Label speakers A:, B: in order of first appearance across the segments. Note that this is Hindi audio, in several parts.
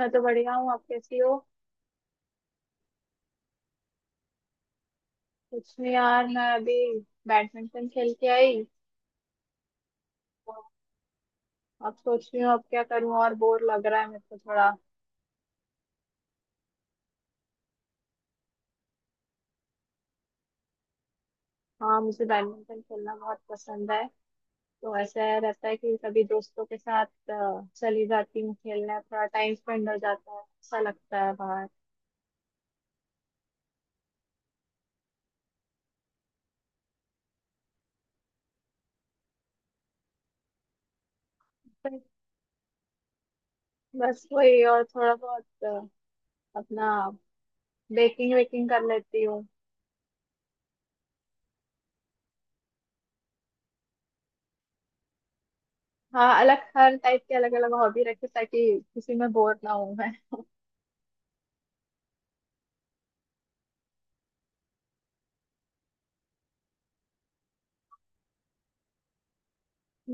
A: मैं तो बढ़िया हूँ। आप कैसी हो? कुछ नहीं यार, मैं अभी बैडमिंटन खेल के आई। अब सोच रही हूँ अब क्या करूँ, और बोर लग रहा है मेरे को थोड़ा। हाँ, मुझे बैडमिंटन खेलना बहुत पसंद है। तो ऐसा रहता है कि कभी दोस्तों के साथ चली जाती हूँ खेलने, थोड़ा टाइम स्पेंड हो जाता है, अच्छा लगता है बाहर। फिर बस वही, और थोड़ा बहुत अपना बेकिंग वेकिंग कर लेती हूँ। हाँ, अलग हर टाइप के अलग अलग हॉबी रखी ताकि किसी में बोर ना हूँ।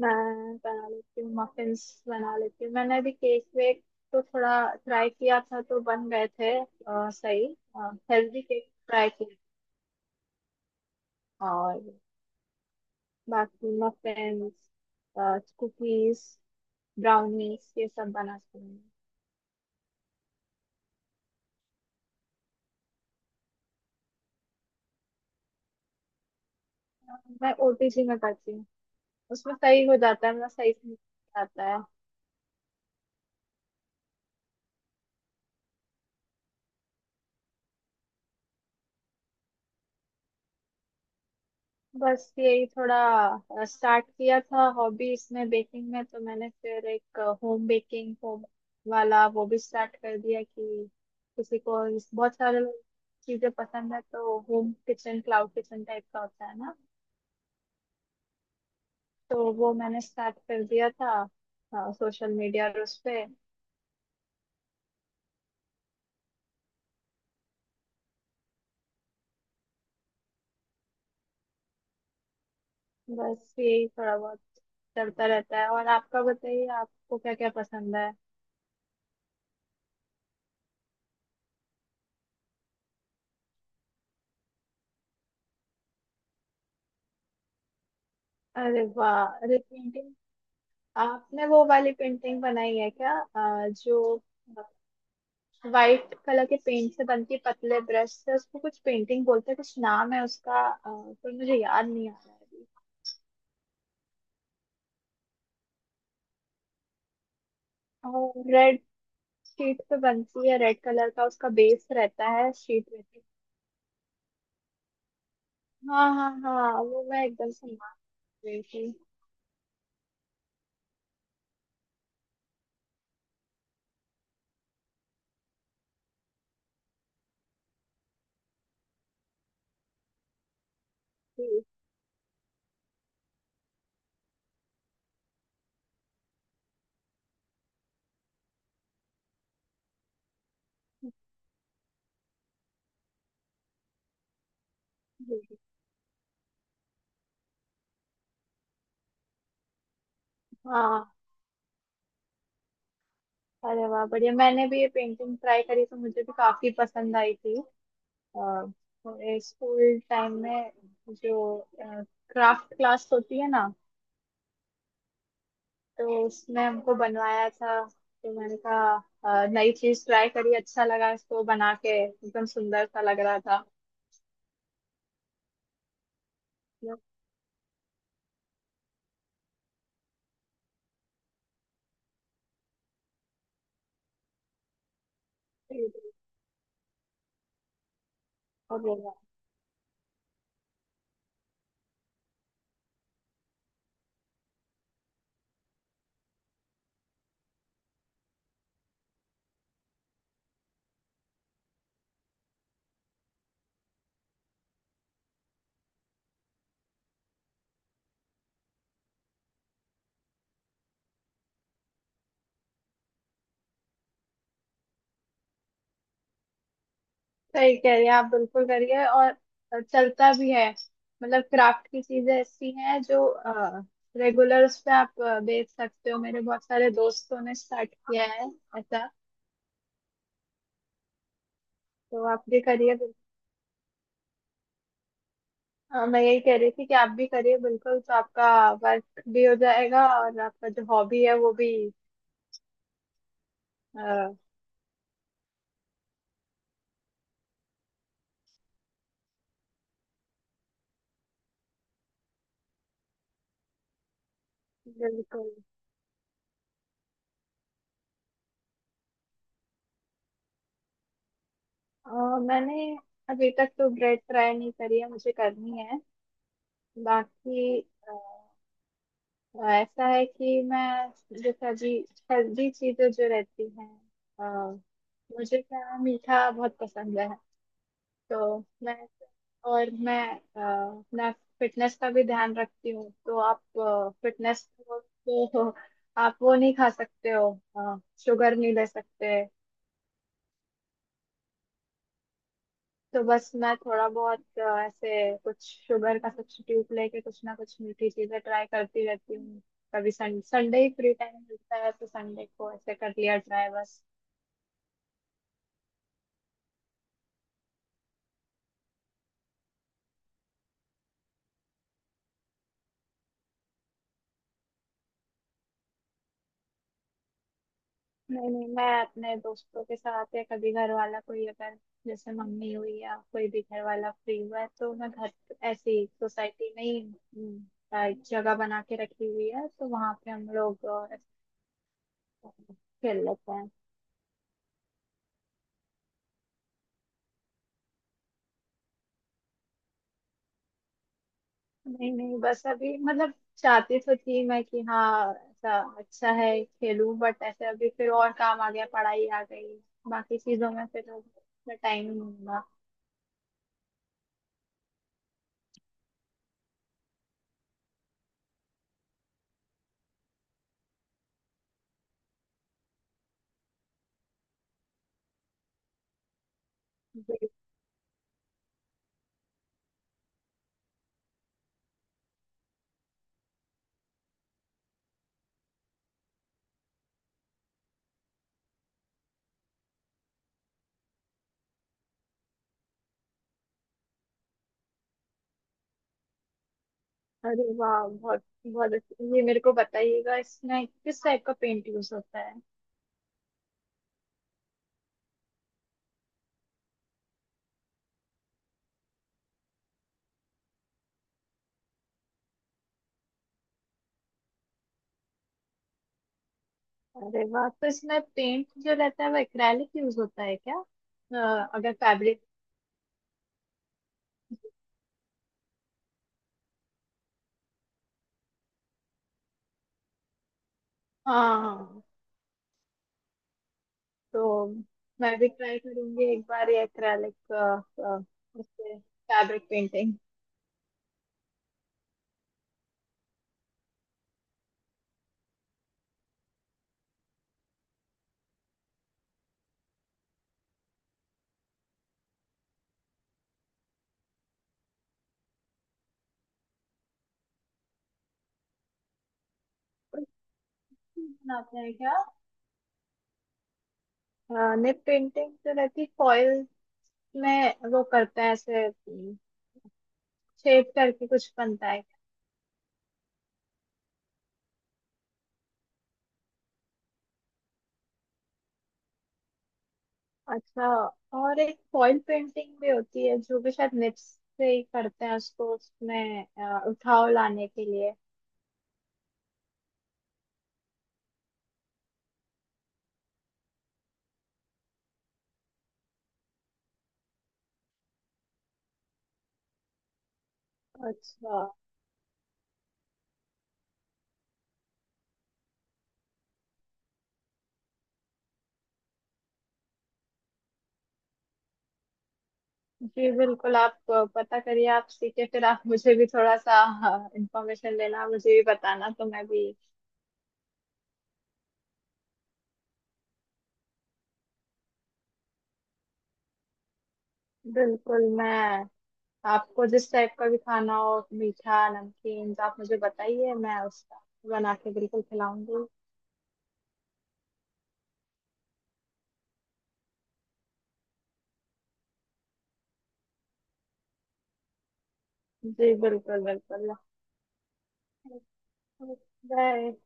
A: मैं बना लेती हूँ, मफिन्स बना लेती हूँ। मैंने अभी केक वेक तो थोड़ा ट्राई किया था, तो बन गए थे सही। हेल्दी केक ट्राई किए। और बाकी मफिन्स, कुकीज, ब्राउनीज, ये सब बनाती हूँ। मैं ओटीजी में करती हूँ। उसमें सही हो जाता है, मेरा सही से आता है। बस यही थोड़ा स्टार्ट किया था हॉबीज में, बेकिंग में। तो मैंने फिर एक होम बेकिंग होम वाला वो भी स्टार्ट कर दिया कि बहुत सारे चीजें पसंद है, तो home kitchen cloud kitchen type का होता है ना, तो वो मैंने स्टार्ट कर दिया था सोशल मीडिया और उस पे। बस यही थोड़ा बहुत चलता रहता है। और आपका बताइए, आपको क्या क्या पसंद है? अरे वाह, अरे, आपने वो वाली पेंटिंग बनाई है क्या जो वाइट कलर के पेंट से बनती है, पतले ब्रश से? उसको कुछ पेंटिंग बोलते हैं, कुछ नाम है उसका, पर मुझे याद नहीं आ रहा है अभी। और रेड शीट पे बनती है, रेड कलर का उसका बेस रहता है, शीट रहती है। हाँ हाँ हाँ, वो मैं एकदम से मान रही थी। जी, जी, जी। हाँ। अरे वाह, बढ़िया। मैंने भी ये पेंटिंग ट्राई करी, तो मुझे भी काफी पसंद आई थी। स्कूल टाइम में जो क्राफ्ट क्लास होती है ना, तो उसमें हमको बनवाया था। तो मैंने कहा नई चीज ट्राई करी, अच्छा लगा इसको बना के, एकदम सुंदर सा लग रहा था। और बोला, सही कह रही हैं आप, बिल्कुल करिए, और चलता भी है। मतलब क्राफ्ट की चीजें ऐसी हैं जो रेगुलर उस पे आप बेच सकते हो। मेरे बहुत सारे दोस्तों ने स्टार्ट किया है ऐसा, तो आप भी करिए। हाँ, मैं यही कह रही थी कि आप भी करिए बिल्कुल, तो आपका वर्क भी हो जाएगा और आपका जो हॉबी है वो भी। अ, बिल्कुल। अ, मैंने अभी तक तो ब्रेड ट्राई नहीं करी है, मुझे करनी है। बाकी अ, ऐसा है कि मैं जैसे अभी हेल्दी चीजें जो रहती हैं, अ, मुझे क्या मीठा बहुत पसंद है। तो मैं, और मैं अपना फिटनेस का भी ध्यान रखती हूँ, तो आप फिटनेस तो आप वो नहीं खा सकते हो, शुगर नहीं ले सकते। तो बस मैं थोड़ा बहुत ऐसे कुछ शुगर का सब्स्टिट्यूट लेके कुछ ना कुछ मीठी चीजें ट्राई करती रहती हूँ। कभी संडे, संडे ही फ्री टाइम मिलता है, तो संडे को ऐसे कर लिया ट्राई, बस। नहीं नहीं, मैं अपने दोस्तों के साथ, या कभी घर वाला कोई अगर, जैसे मम्मी हुई या कोई भी घर वाला फ्री हुआ है, तो मैं घर, ऐसे ही सोसाइटी में ही, एक जगह बना के रखी हुई है, तो वहां पे हम लोग ऐसे खेल लेते हैं। नहीं नहीं, बस अभी मतलब चाहती तो थी मैं कि हाँ ऐसा अच्छा है खेलूं, बट ऐसे अभी फिर और काम आ गया, पढ़ाई आ गई, बाकी चीजों में फिर टाइम नहीं मिला। अरे वाह, बहुत बहुत अच्छा। ये मेरे को बताइएगा, इसमें किस टाइप का पेंट यूज होता है? अरे वाह, तो इसमें पेंट जो रहता है वो एक्रेलिक यूज होता है क्या? अगर फैब्रिक। हाँ हाँ। तो मैं भी ट्राई करूंगी एक बार ये एक्रेलिक, उससे फैब्रिक पेंटिंग बनाते हैं क्या? निप पेंटिंग तो रहती फॉइल में, वो करते हैं ऐसे शेड करके कुछ बनता है। अच्छा। और एक फॉइल पेंटिंग भी होती है जो कि शायद निप्स से ही करते हैं उसको, उसमें उठाव लाने के लिए। अच्छा। जी बिल्कुल, आप पता करिए, आप सीखे फिर आप मुझे भी थोड़ा सा इंफॉर्मेशन लेना, मुझे भी बताना तो मैं भी। बिल्कुल, मैं आपको जिस टाइप का भी खाना हो, मीठा नमकीन, तो आप मुझे बताइए, मैं उसका बना के बिल्कुल खिलाऊंगी। जी, बिल्कुल बिल्कुल। बाय।